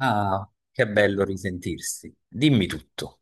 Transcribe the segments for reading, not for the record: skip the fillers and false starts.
Ah, che bello risentirsi. Dimmi tutto.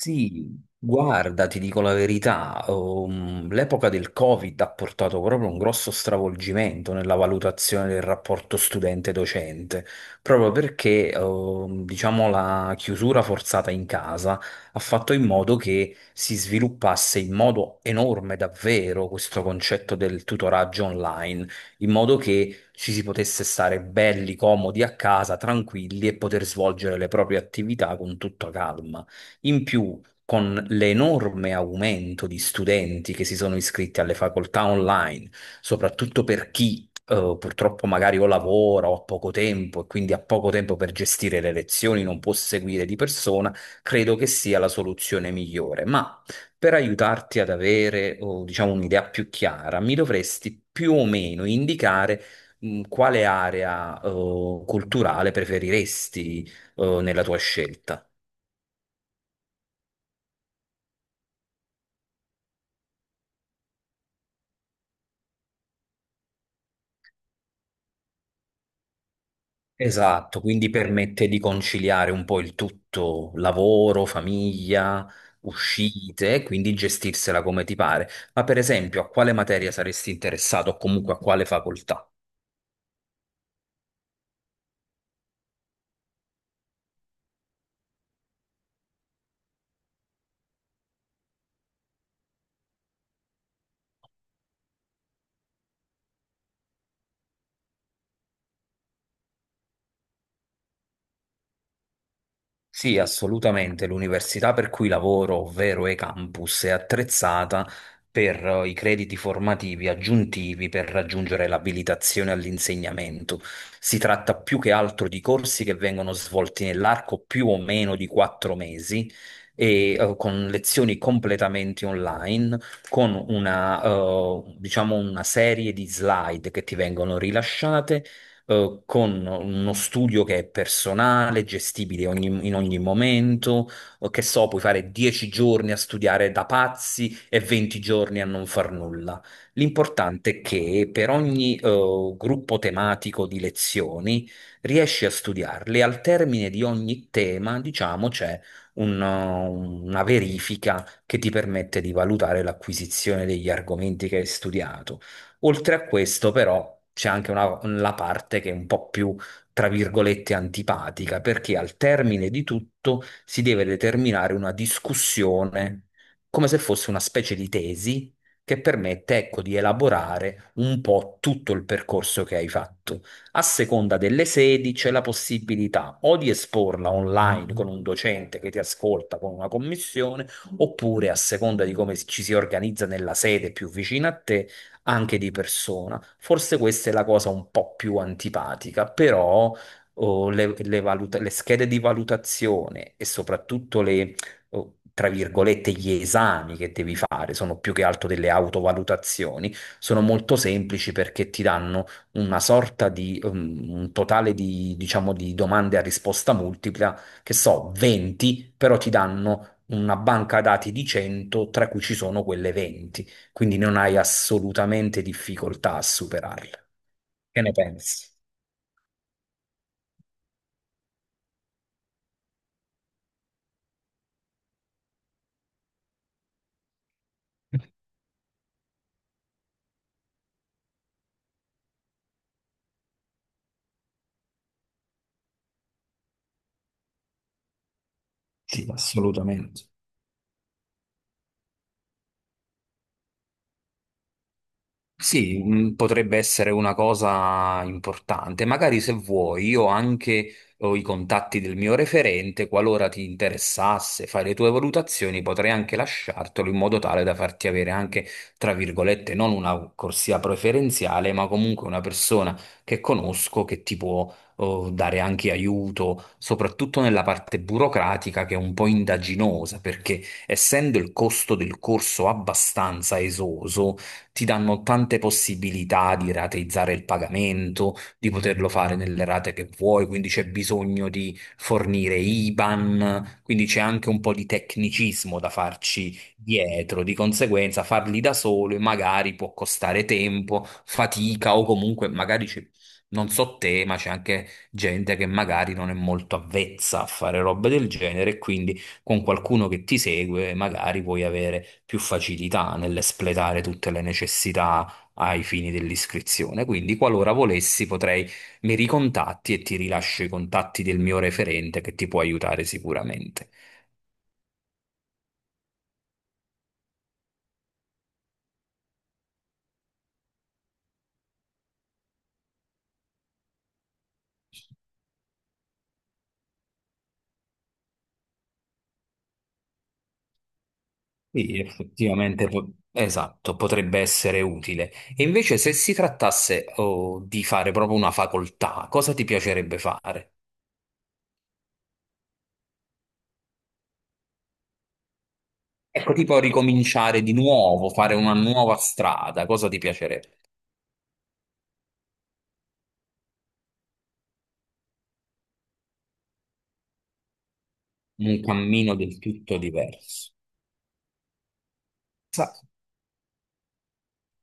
Sì, guarda, ti dico la verità, l'epoca del Covid ha portato proprio un grosso stravolgimento nella valutazione del rapporto studente-docente, proprio perché, diciamo, la chiusura forzata in casa ha fatto in modo che si sviluppasse in modo enorme davvero questo concetto del tutoraggio online, in modo che ci si potesse stare belli, comodi a casa, tranquilli e poter svolgere le proprie attività con tutta calma. In più, con l'enorme aumento di studenti che si sono iscritti alle facoltà online, soprattutto per chi purtroppo magari o lavora o ha poco tempo e quindi ha poco tempo per gestire le lezioni, non può seguire di persona, credo che sia la soluzione migliore. Ma per aiutarti ad avere, diciamo, un'idea più chiara, mi dovresti più o meno indicare quale area culturale preferiresti nella tua scelta. Esatto, quindi permette di conciliare un po' il tutto, lavoro, famiglia, uscite, e quindi gestirsela come ti pare. Ma per esempio, a quale materia saresti interessato o comunque a quale facoltà? Sì, assolutamente. L'università per cui lavoro, ovvero eCampus, è attrezzata per i crediti formativi aggiuntivi per raggiungere l'abilitazione all'insegnamento. Si tratta più che altro di corsi che vengono svolti nell'arco più o meno di 4 mesi e con lezioni completamente online, con una, diciamo una serie di slide che ti vengono rilasciate con uno studio che è personale, gestibile in ogni momento, o che so, puoi fare 10 giorni a studiare da pazzi e 20 giorni a non far nulla. L'importante è che per ogni gruppo tematico di lezioni riesci a studiarle. Al termine di ogni tema, diciamo, c'è una verifica che ti permette di valutare l'acquisizione degli argomenti che hai studiato. Oltre a questo, però, c'è anche una, la parte che è un po' più, tra virgolette, antipatica, perché al termine di tutto si deve determinare una discussione, come se fosse una specie di tesi che permette, ecco, di elaborare un po' tutto il percorso che hai fatto. A seconda delle sedi c'è la possibilità o di esporla online con un docente che ti ascolta con una commissione, oppure a seconda di come ci si organizza nella sede più vicina a te anche di persona. Forse questa è la cosa un po' più antipatica, però oh, le schede di valutazione e soprattutto le, oh, tra virgolette, gli esami che devi fare sono più che altro delle autovalutazioni, sono molto semplici perché ti danno una sorta di un totale di, diciamo, di domande a risposta multipla, che so, 20, però ti danno una banca dati di 100, tra cui ci sono quelle 20, quindi non hai assolutamente difficoltà a superarle. Che ne pensi? Sì, assolutamente. Sì, potrebbe essere una cosa importante. Magari se vuoi, io anche ho i contatti del mio referente, qualora ti interessasse fare le tue valutazioni, potrei anche lasciartelo in modo tale da farti avere anche, tra virgolette, non una corsia preferenziale, ma comunque una persona che conosco che ti può, dare anche aiuto, soprattutto nella parte burocratica che è un po' indaginosa, perché essendo il costo del corso abbastanza esoso, ti danno tante possibilità di rateizzare il pagamento, di poterlo fare nelle rate che vuoi, quindi c'è bisogno di fornire IBAN, quindi c'è anche un po' di tecnicismo da farci dietro, di conseguenza farli da solo magari può costare tempo, fatica o comunque magari c'è- Non so te, ma c'è anche gente che magari non è molto avvezza a fare robe del genere, e quindi con qualcuno che ti segue, magari puoi avere più facilità nell'espletare tutte le necessità ai fini dell'iscrizione. Quindi, qualora volessi, potrei mi ricontatti e ti rilascio i contatti del mio referente che ti può aiutare sicuramente. Sì, effettivamente, esatto, potrebbe essere utile. E invece, se si trattasse, di fare proprio una facoltà, cosa ti piacerebbe fare? Ecco, tipo ricominciare di nuovo, fare una nuova strada, cosa ti piacerebbe? Un cammino del tutto diverso. Sa-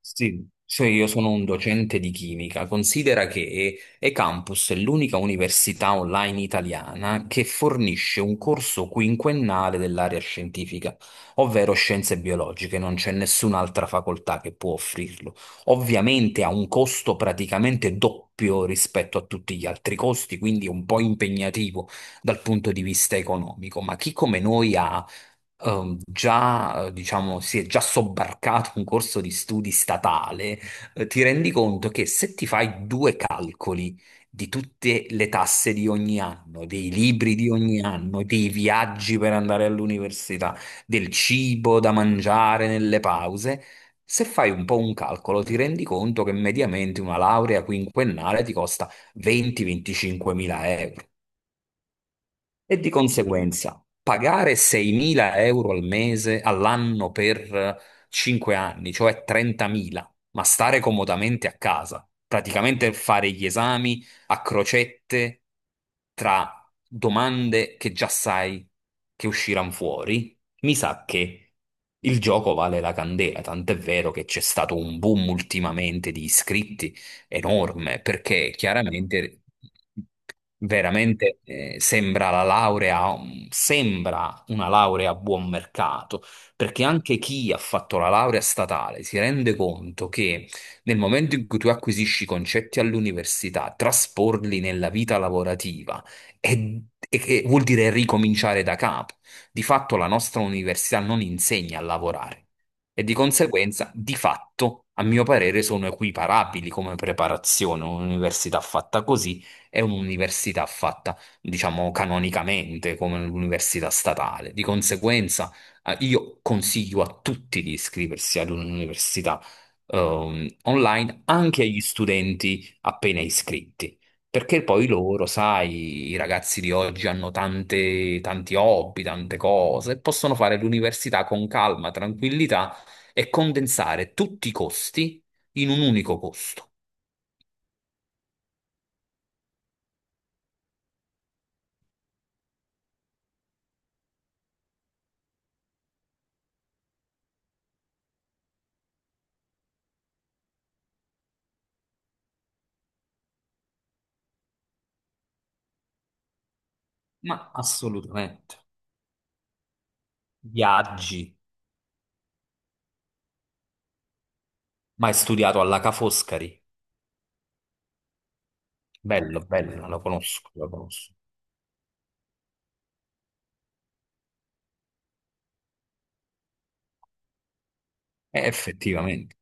Sì, cioè io sono un docente di chimica. Considera che eCampus è l'unica università online italiana che fornisce un corso quinquennale dell'area scientifica, ovvero scienze biologiche. Non c'è nessun'altra facoltà che può offrirlo. Ovviamente ha un costo praticamente doppio rispetto a tutti gli altri costi, quindi è un po' impegnativo dal punto di vista economico, ma chi come noi ha già, diciamo, si è già sobbarcato un corso di studi statale, ti rendi conto che se ti fai due calcoli di tutte le tasse di ogni anno, dei libri di ogni anno, dei viaggi per andare all'università, del cibo da mangiare nelle pause, se fai un po' un calcolo, ti rendi conto che mediamente una laurea quinquennale ti costa 20-25 mila euro. E di conseguenza, pagare 6.000 euro al mese, all'anno per 5 anni, cioè 30.000, ma stare comodamente a casa, praticamente fare gli esami a crocette tra domande che già sai che usciranno fuori, mi sa che il gioco vale la candela, tant'è vero che c'è stato un boom ultimamente di iscritti enorme, perché chiaramente... Veramente sembra la laurea, sembra una laurea a buon mercato, perché anche chi ha fatto la laurea statale si rende conto che nel momento in cui tu acquisisci i concetti all'università, trasporli nella vita lavorativa e, e che vuol dire ricominciare da capo. Di fatto la nostra università non insegna a lavorare e di conseguenza, di fatto, a mio parere, sono equiparabili come preparazione, un'università fatta così è un'università fatta, diciamo, canonicamente come l'università statale. Di conseguenza, io consiglio a tutti di iscriversi ad un'università online, anche agli studenti appena iscritti. Perché poi loro, sai, i ragazzi di oggi hanno tante, tanti hobby, tante cose, e possono fare l'università con calma, tranquillità e condensare tutti i costi in un unico costo. Ma assolutamente. Viaggi, ma hai studiato alla Ca' Foscari? Bello, bello, la conosco, la conosco. Effettivamente.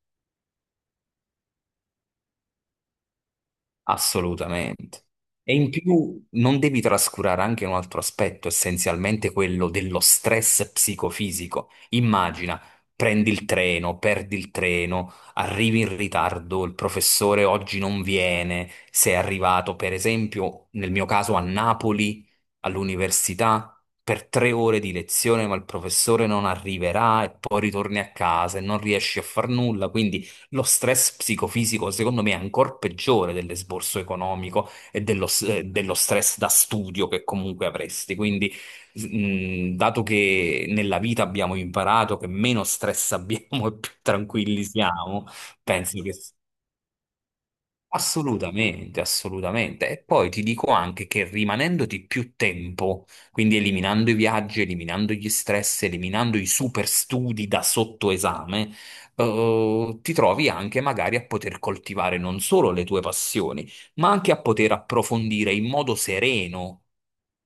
Assolutamente. E in più non devi trascurare anche un altro aspetto, essenzialmente quello dello stress psicofisico. Immagina, prendi il treno, perdi il treno, arrivi in ritardo, il professore oggi non viene, sei arrivato, per esempio, nel mio caso a Napoli, all'università. Per 3 ore di lezione, ma il professore non arriverà e poi ritorni a casa e non riesci a far nulla, quindi lo stress psicofisico, secondo me, è ancora peggiore dell'esborso economico e dello stress da studio che comunque avresti. Quindi, dato che nella vita abbiamo imparato che meno stress abbiamo e più tranquilli siamo, penso che assolutamente, assolutamente. E poi ti dico anche che rimanendoti più tempo, quindi eliminando i viaggi, eliminando gli stress, eliminando i super studi da sottoesame, ti trovi anche magari a poter coltivare non solo le tue passioni, ma anche a poter approfondire in modo sereno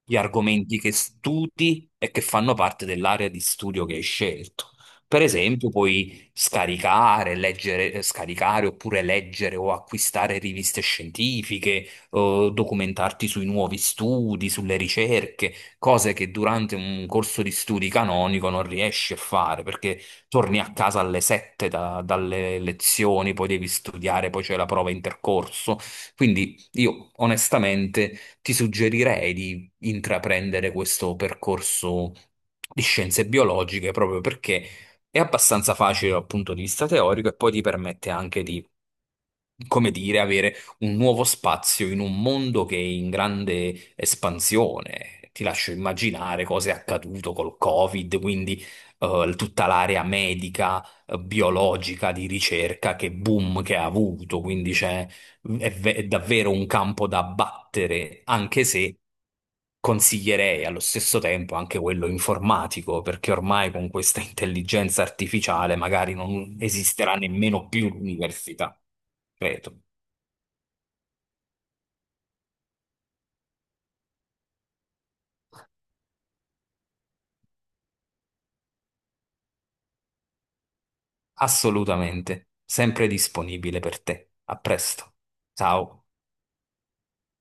gli argomenti che studi e che fanno parte dell'area di studio che hai scelto. Per esempio, puoi scaricare, leggere, scaricare oppure leggere o acquistare riviste scientifiche, o documentarti sui nuovi studi, sulle ricerche, cose che durante un corso di studi canonico non riesci a fare perché torni a casa alle 7 dalle lezioni, poi devi studiare, poi c'è la prova intercorso. Quindi io onestamente ti suggerirei di intraprendere questo percorso di scienze biologiche proprio perché è abbastanza facile dal punto di vista teorico e poi ti permette anche di, come dire, avere un nuovo spazio in un mondo che è in grande espansione. Ti lascio immaginare cosa è accaduto col Covid, quindi tutta l'area medica, biologica, di ricerca, che boom che ha avuto. Quindi è davvero un campo da battere, anche se consiglierei allo stesso tempo anche quello informatico, perché ormai con questa intelligenza artificiale magari non esisterà nemmeno più l'università. Credo. Assolutamente. Sempre disponibile per te. A presto. Ciao.